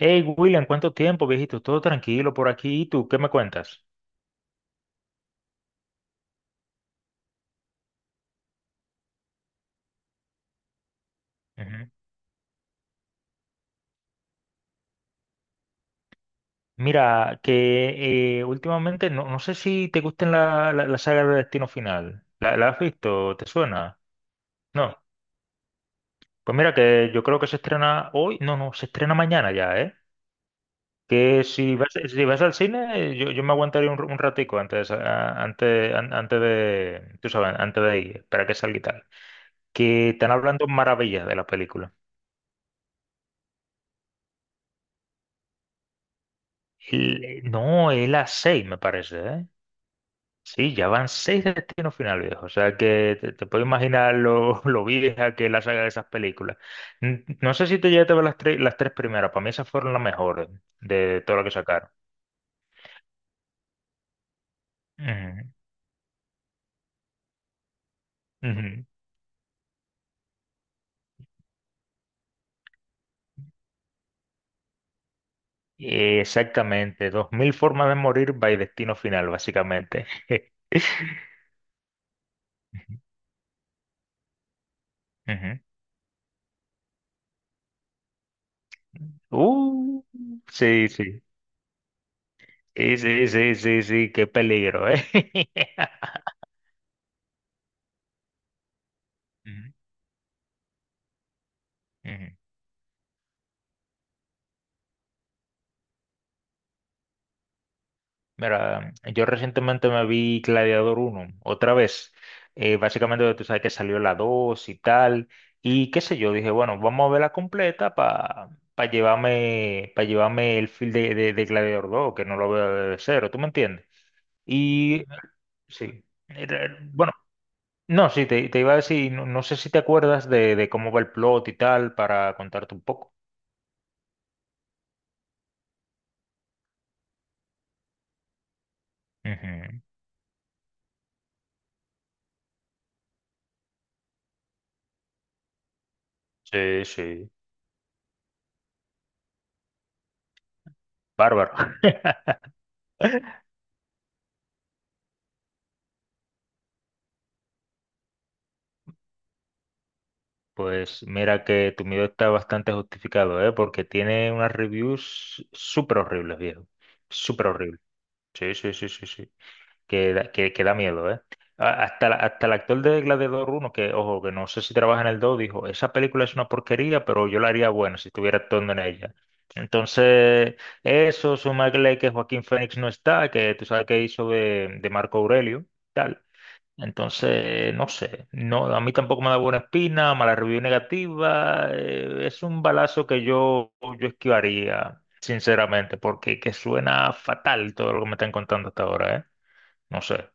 Hey, William, ¿cuánto tiempo, viejito? Todo tranquilo por aquí. ¿Y tú qué me cuentas? Ujú. Mira, que últimamente no sé si te gusten la saga de Destino Final. La has visto? ¿Te suena? No. Pues mira, que yo creo que se estrena hoy. No, se estrena mañana ya, ¿eh? Que si vas al cine, yo me aguantaría un ratico antes, antes de, tú sabes, antes de ir, para que salga y tal. Que están hablando maravillas de la película. No, es las seis, me parece, ¿eh? Sí, ya van seis destinos finales, viejo. O sea que te puedo imaginar lo, lo vieja que es la saga de esas películas. No sé si te llegaste a ver las tres primeras. Para mí esas fueron las mejores de todo lo que sacaron. Ujú, ujú. Exactamente. Dos mil formas de morir by destino final, básicamente. Ujú. Uh, sí, sí. Sí, sí, sí, sí, sí, qué peligro, ¿eh? Ujú, ujú. Mira, yo recientemente me vi Gladiador uno otra vez. Básicamente tú sabes que salió la 2 y tal. Y qué sé yo, dije, bueno, vamos a verla completa para llevarme, pa llevarme el feel de Gladiador 2, que no lo veo de cero, ¿tú me entiendes? Y sí, bueno, no, sí, te iba a decir, no sé si te acuerdas de cómo va el plot y tal, para contarte un poco. Ujú. Sí, sí, bárbaro. Pues mira que tu miedo está bastante justificado, ¿eh? Porque tiene unas reviews súper horribles, viejo. Súper horribles. Sí, sí, sí, sí, sí. Que da, que da miedo, ¿eh? Hasta, hasta el actor de Gladiador 1, que, ojo, que no sé si trabaja en el 2, dijo, esa película es una porquería, pero yo la haría buena si estuviera actuando en ella. Entonces, eso, sumarle que Joaquín Phoenix no está, que tú sabes que hizo de Marco Aurelio. Tal. Entonces, no sé, no, a mí tampoco me da buena espina, mala review negativa, es un balazo que yo esquivaría, sinceramente, porque que suena fatal todo lo que me están contando hasta ahora, ¿eh? No sé,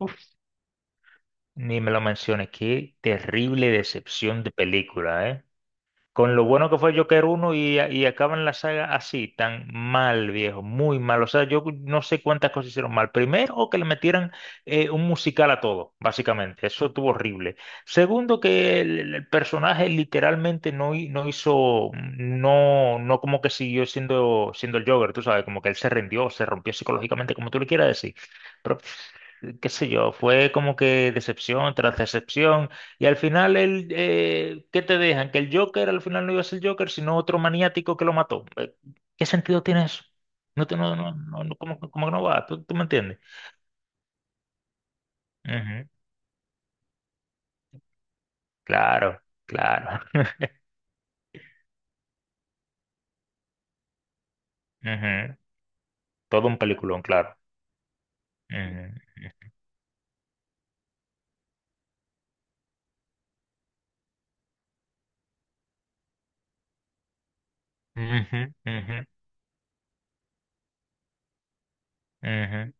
uf, ni me lo menciones, qué terrible decepción de película, ¿eh? Con lo bueno que fue Joker uno y acaban la saga así, tan mal, viejo, muy mal. O sea, yo no sé cuántas cosas hicieron mal. Primero, que le metieran un musical a todo, básicamente. Eso estuvo horrible. Segundo, que el personaje literalmente no, no hizo, no como que siguió siendo el Joker, tú sabes, como que él se rindió, se rompió psicológicamente, como tú le quieras decir qué sé yo, fue como que decepción tras decepción, y al final el, ¿qué te dejan? Que el Joker al final no iba a ser Joker, sino otro maniático que lo mató. ¿Qué sentido tiene eso? No, no, no, no, no, como, como que no va, tú me entiendes? Ujú, claro, claro. Ujú, todo un peliculón, claro. Ujú, ujú, ujú, ujú.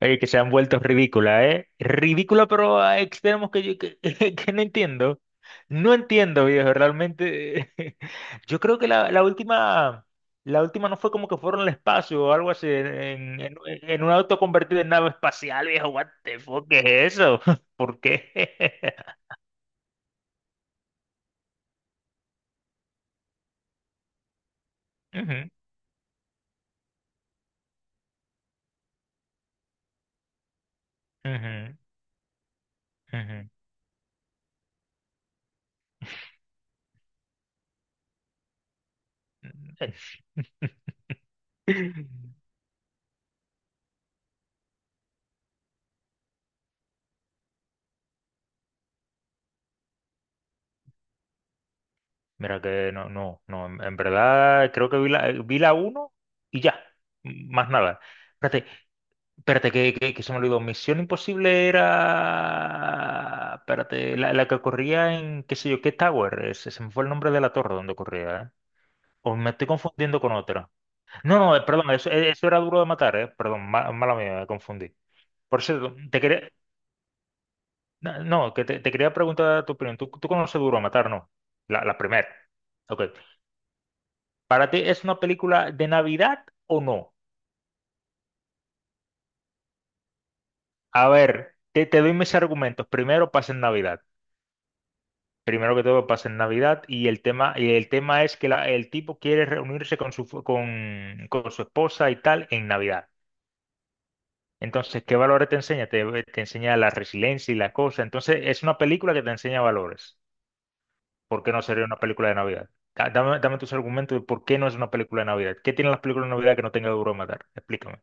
Oye, que se han vuelto ridículas, ¿eh? Ridícula, pero a extremos que yo que, que no entiendo. No entiendo, viejo, realmente. Yo creo que la última no fue como que fueron al espacio o algo así, en, en un auto convertido en nave espacial, viejo. What the fuck, ¿qué es eso? ¿Por qué? Ujú, ujú, ujú. Mira que no, no, no, en verdad creo que vi la uno y ya, más nada. Espérate, espérate, que se me olvidó. Misión Imposible era. Espérate, la que corría en qué sé yo, qué Tower. Se me fue el nombre de la torre donde corría, ¿eh? O me estoy confundiendo con otra. No, no, perdón, eso, eso era duro de matar, ¿eh? Perdón, mala mía, me confundí. Por cierto, te quería. No, no, que te quería preguntar tu opinión. Tú conoces Duro de Matar, no? La primera. Ok. ¿Para ti es una película de Navidad o no? A ver, te doy mis argumentos. Primero, pasa en Navidad. Primero que todo pasa en Navidad y el tema es que el tipo quiere reunirse con su, con su esposa y tal en Navidad. Entonces, ¿qué valores te enseña? Te enseña la resiliencia y la cosa. Entonces, es una película que te enseña valores. ¿Por qué no sería una película de Navidad? Dame, dame tus argumentos de por qué no es una película de Navidad. ¿Qué tienen las películas de Navidad que no tenga duro de matar? Explícame.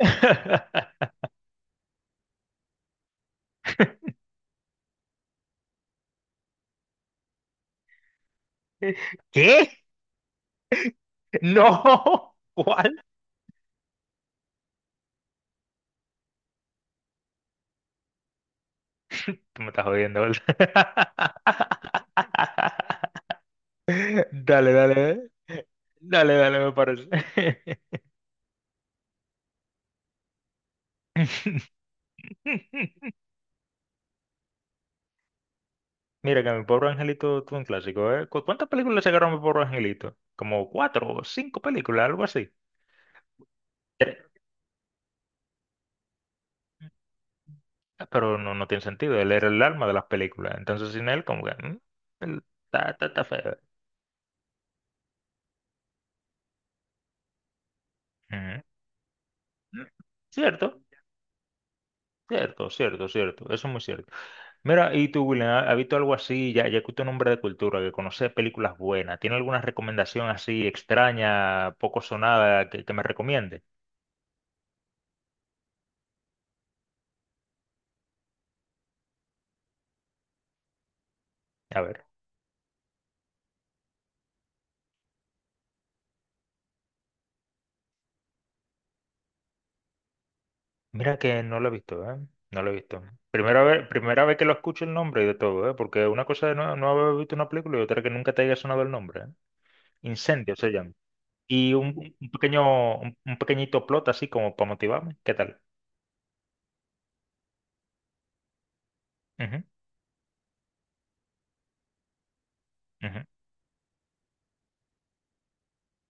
¿Qué? No. ¿Cuál? Tú me estás jodiendo, ¿verdad? Dale, dale, dale, dale, me parece. Mira que mi pobre angelito tuvo un clásico, ¿eh? Cuántas películas sacaron mi pobre angelito? Como cuatro o cinco películas, algo así. Ah, pero no, no tiene sentido, él era el alma de las películas. Entonces sin él, como que... mm, él- está, está, está feo. Ujú. Mm, cierto, cierto, cierto, cierto. Eso es muy cierto. Mira, y tú, William, has visto algo así? Ya que tu nombre de cultura, que conoce películas buenas, ¿tiene alguna recomendación así extraña, poco sonada, que me recomiende? A ver, mira que no lo he visto, ¿eh? No lo he visto. Primera vez que lo escucho el nombre y de todo, ¿eh? Porque una cosa es no, no haber visto una película y otra que nunca te haya sonado el nombre, ¿eh? Incendio se llama. Y un pequeño, un pequeñito plot así como para motivarme. ¿Qué tal? Ujú, ujú,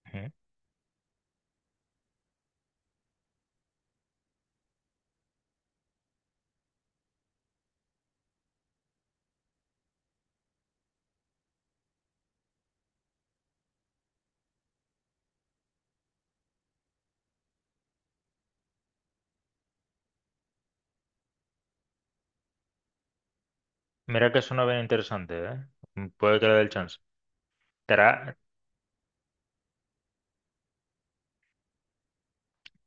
ujú. Mira que suena bien interesante, ¿eh? Mm, puede que le dé el chance. ¿Estará,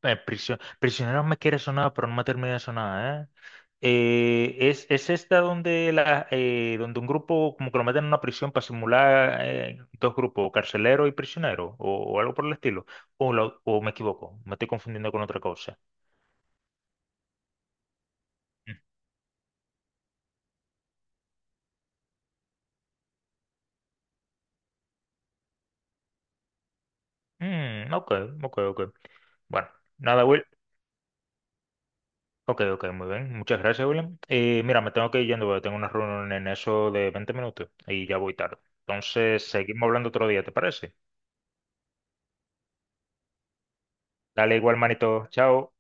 Prisioneros me quiere sonar, pero no me termina de sonar, ¿eh? Es esta donde, la, donde un grupo como que lo meten en una prisión para simular dos grupos, carcelero y prisionero, o algo por el estilo. O, o me equivoco, me estoy confundiendo con otra cosa. Mm, ok, ok, ok. Bueno, nada, Will. Ok, ok, muy bien. Muchas gracias, William. Mira, me tengo que ir yendo, porque tengo una reunión en eso de 20 minutos y ya voy tarde. Entonces, seguimos hablando otro día, ¿te parece? Dale igual, manito. Chao.